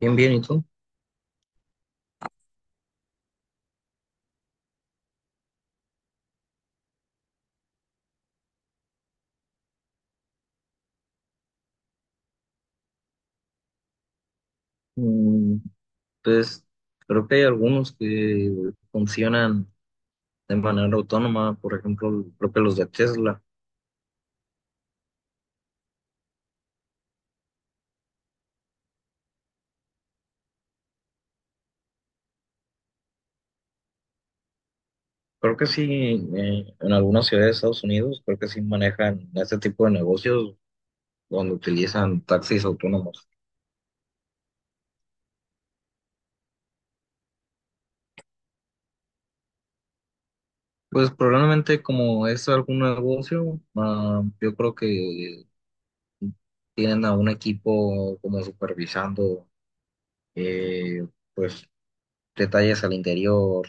Bien, bien, ¿y tú? Mm. Pues creo que hay algunos que funcionan de manera autónoma, por ejemplo, creo que los de Tesla. Creo que sí, en algunas ciudades de Estados Unidos, creo que sí manejan este tipo de negocios donde utilizan taxis autónomos. Pues probablemente como es algún negocio, yo creo que tienen a un equipo como supervisando, eh, pues detalles al interior.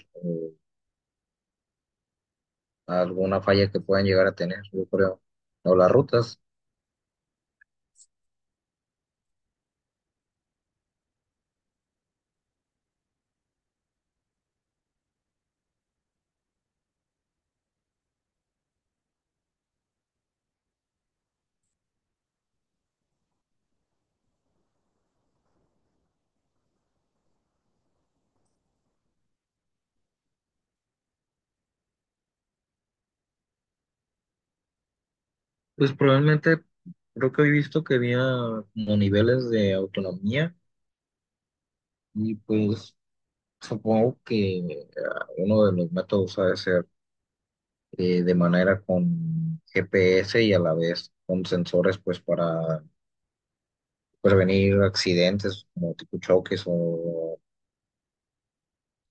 Alguna falla que puedan llegar a tener, yo creo, o las rutas. Pues probablemente creo que he visto que había como niveles de autonomía y pues supongo que uno de los métodos ha de ser, de manera con GPS y a la vez con sensores pues para prevenir accidentes como tipo choques o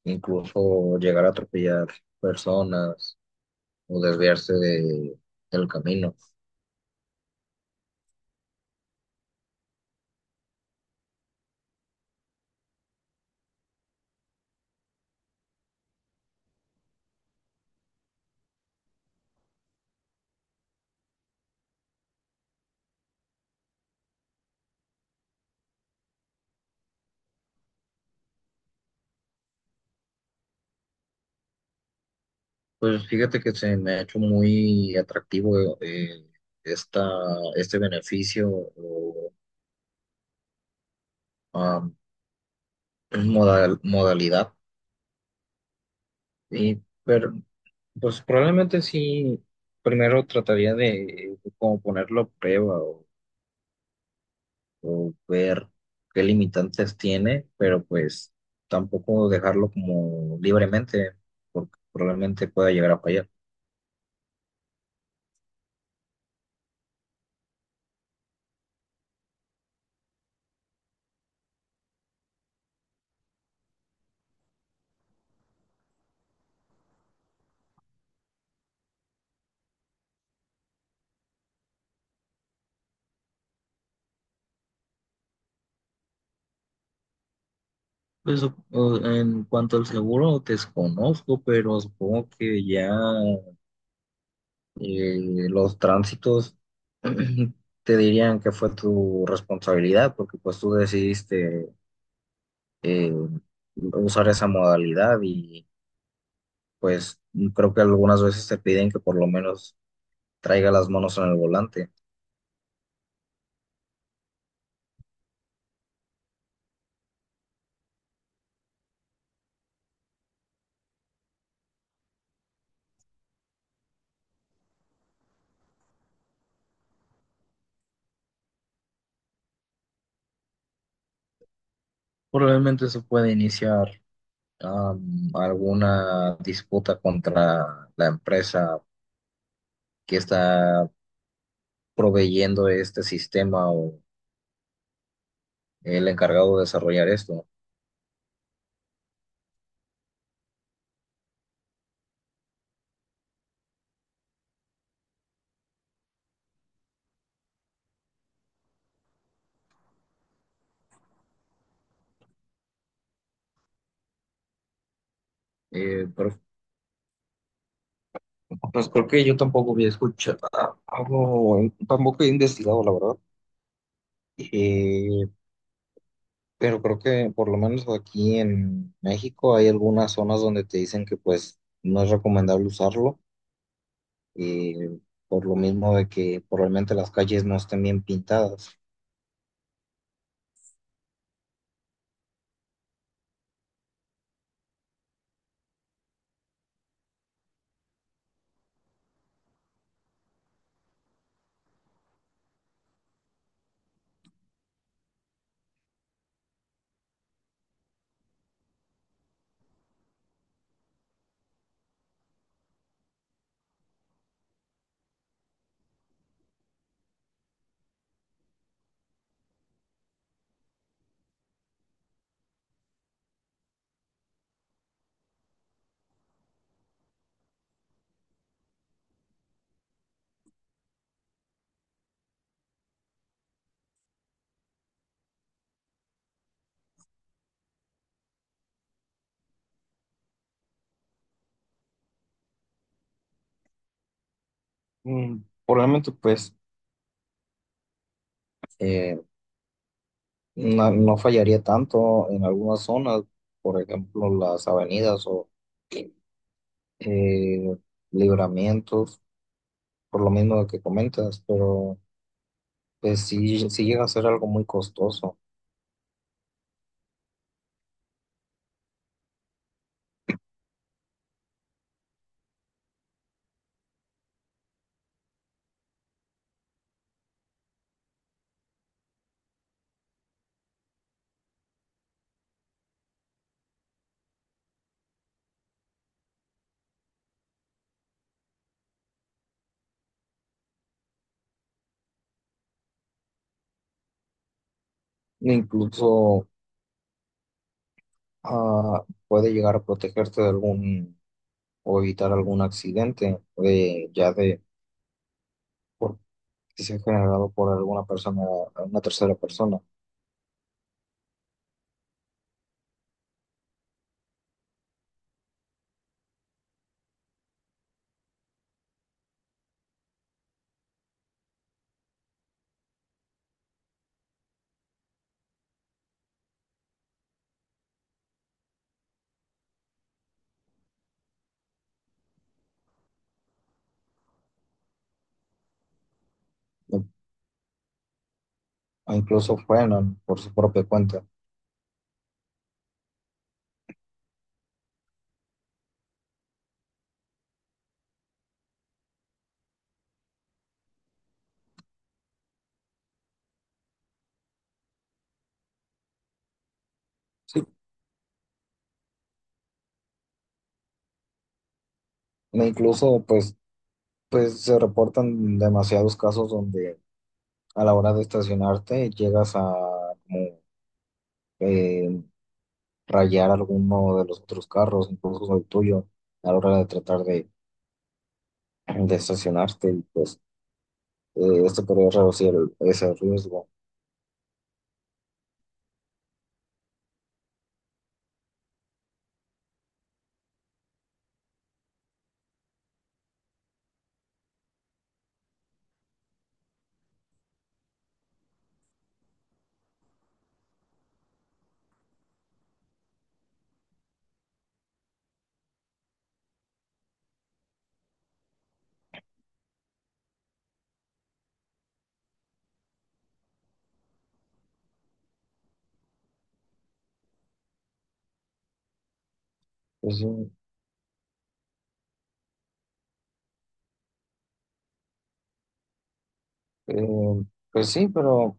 incluso llegar a atropellar personas o del camino. Pues fíjate que se me ha hecho muy atractivo, esta, este beneficio o am, modalidad. Y, pero, pues probablemente sí, primero trataría de como ponerlo a prueba o ver qué limitantes tiene, pero pues tampoco dejarlo como libremente, porque probablemente pueda llegar a fallar. Pues o en cuanto al seguro, desconozco, pero supongo que ya. Y los tránsitos te dirían que fue tu responsabilidad porque pues tú decidiste, eh, usar esa modalidad y pues creo que algunas veces te piden que por lo menos traiga las manos en el volante. Probablemente eso puede iniciar, alguna disputa contra la empresa que está proveyendo este sistema o el encargado de desarrollar esto. Pero pues creo que yo tampoco había escuchado algo, tampoco he investigado, la verdad. Eh, pero creo que por lo menos aquí en México hay algunas zonas donde te dicen que pues no es recomendable usarlo, eh, por lo mismo de que probablemente las calles no estén bien pintadas. Mm, probablemente pues, eh, no fallaría tanto en algunas zonas, por ejemplo las avenidas o, eh, libramientos, por lo mismo de que comentas, pero pues sí, sí llega a ser algo muy costoso. Incluso, puede llegar a protegerte de algún, o evitar algún accidente de, ya de por, que sea generado por alguna persona, una tercera persona. O, o incluso frenan por su propia cuenta. Sí. E incluso pues, pues se reportan demasiados casos donde a la hora de estacionarte llegas a como, eh, rayar alguno de los otros carros, incluso el tuyo, a la hora de tratar de estacionarte y pues, esto podría reducir ese riesgo. Pues, sí, eh, pues sí, pero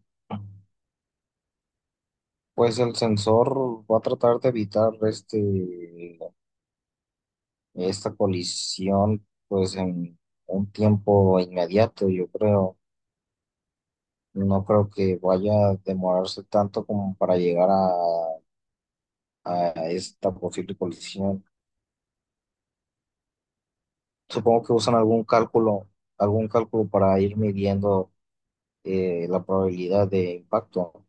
pues el sensor va a tratar de evitar este, esta colisión pues en un tiempo inmediato, yo creo. No creo que vaya a demorarse tanto como para llegar a esta posible colisión. Supongo que usan algún cálculo para ir midiendo, la probabilidad de impacto.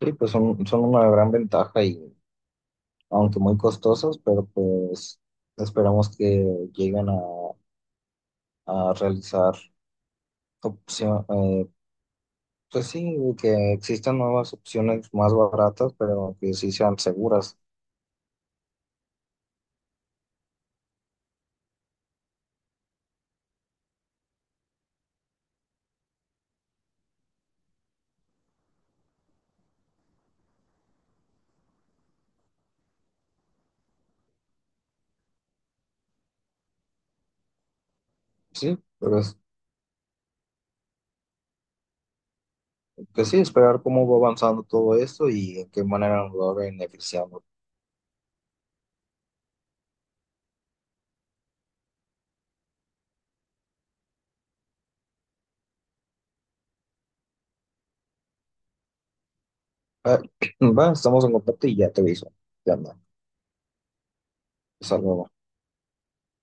Sí, pues son, son una gran ventaja y aunque muy costosos, pero pues esperamos que lleguen a realizar opción, pues sí, que existan nuevas opciones más baratas, pero que sí sean seguras. Sí, pero es, que sí, esperar cómo va avanzando todo esto y en qué manera nos va beneficiando. Ah, va, estamos en contacto y ya te aviso. Ya anda. Hasta luego.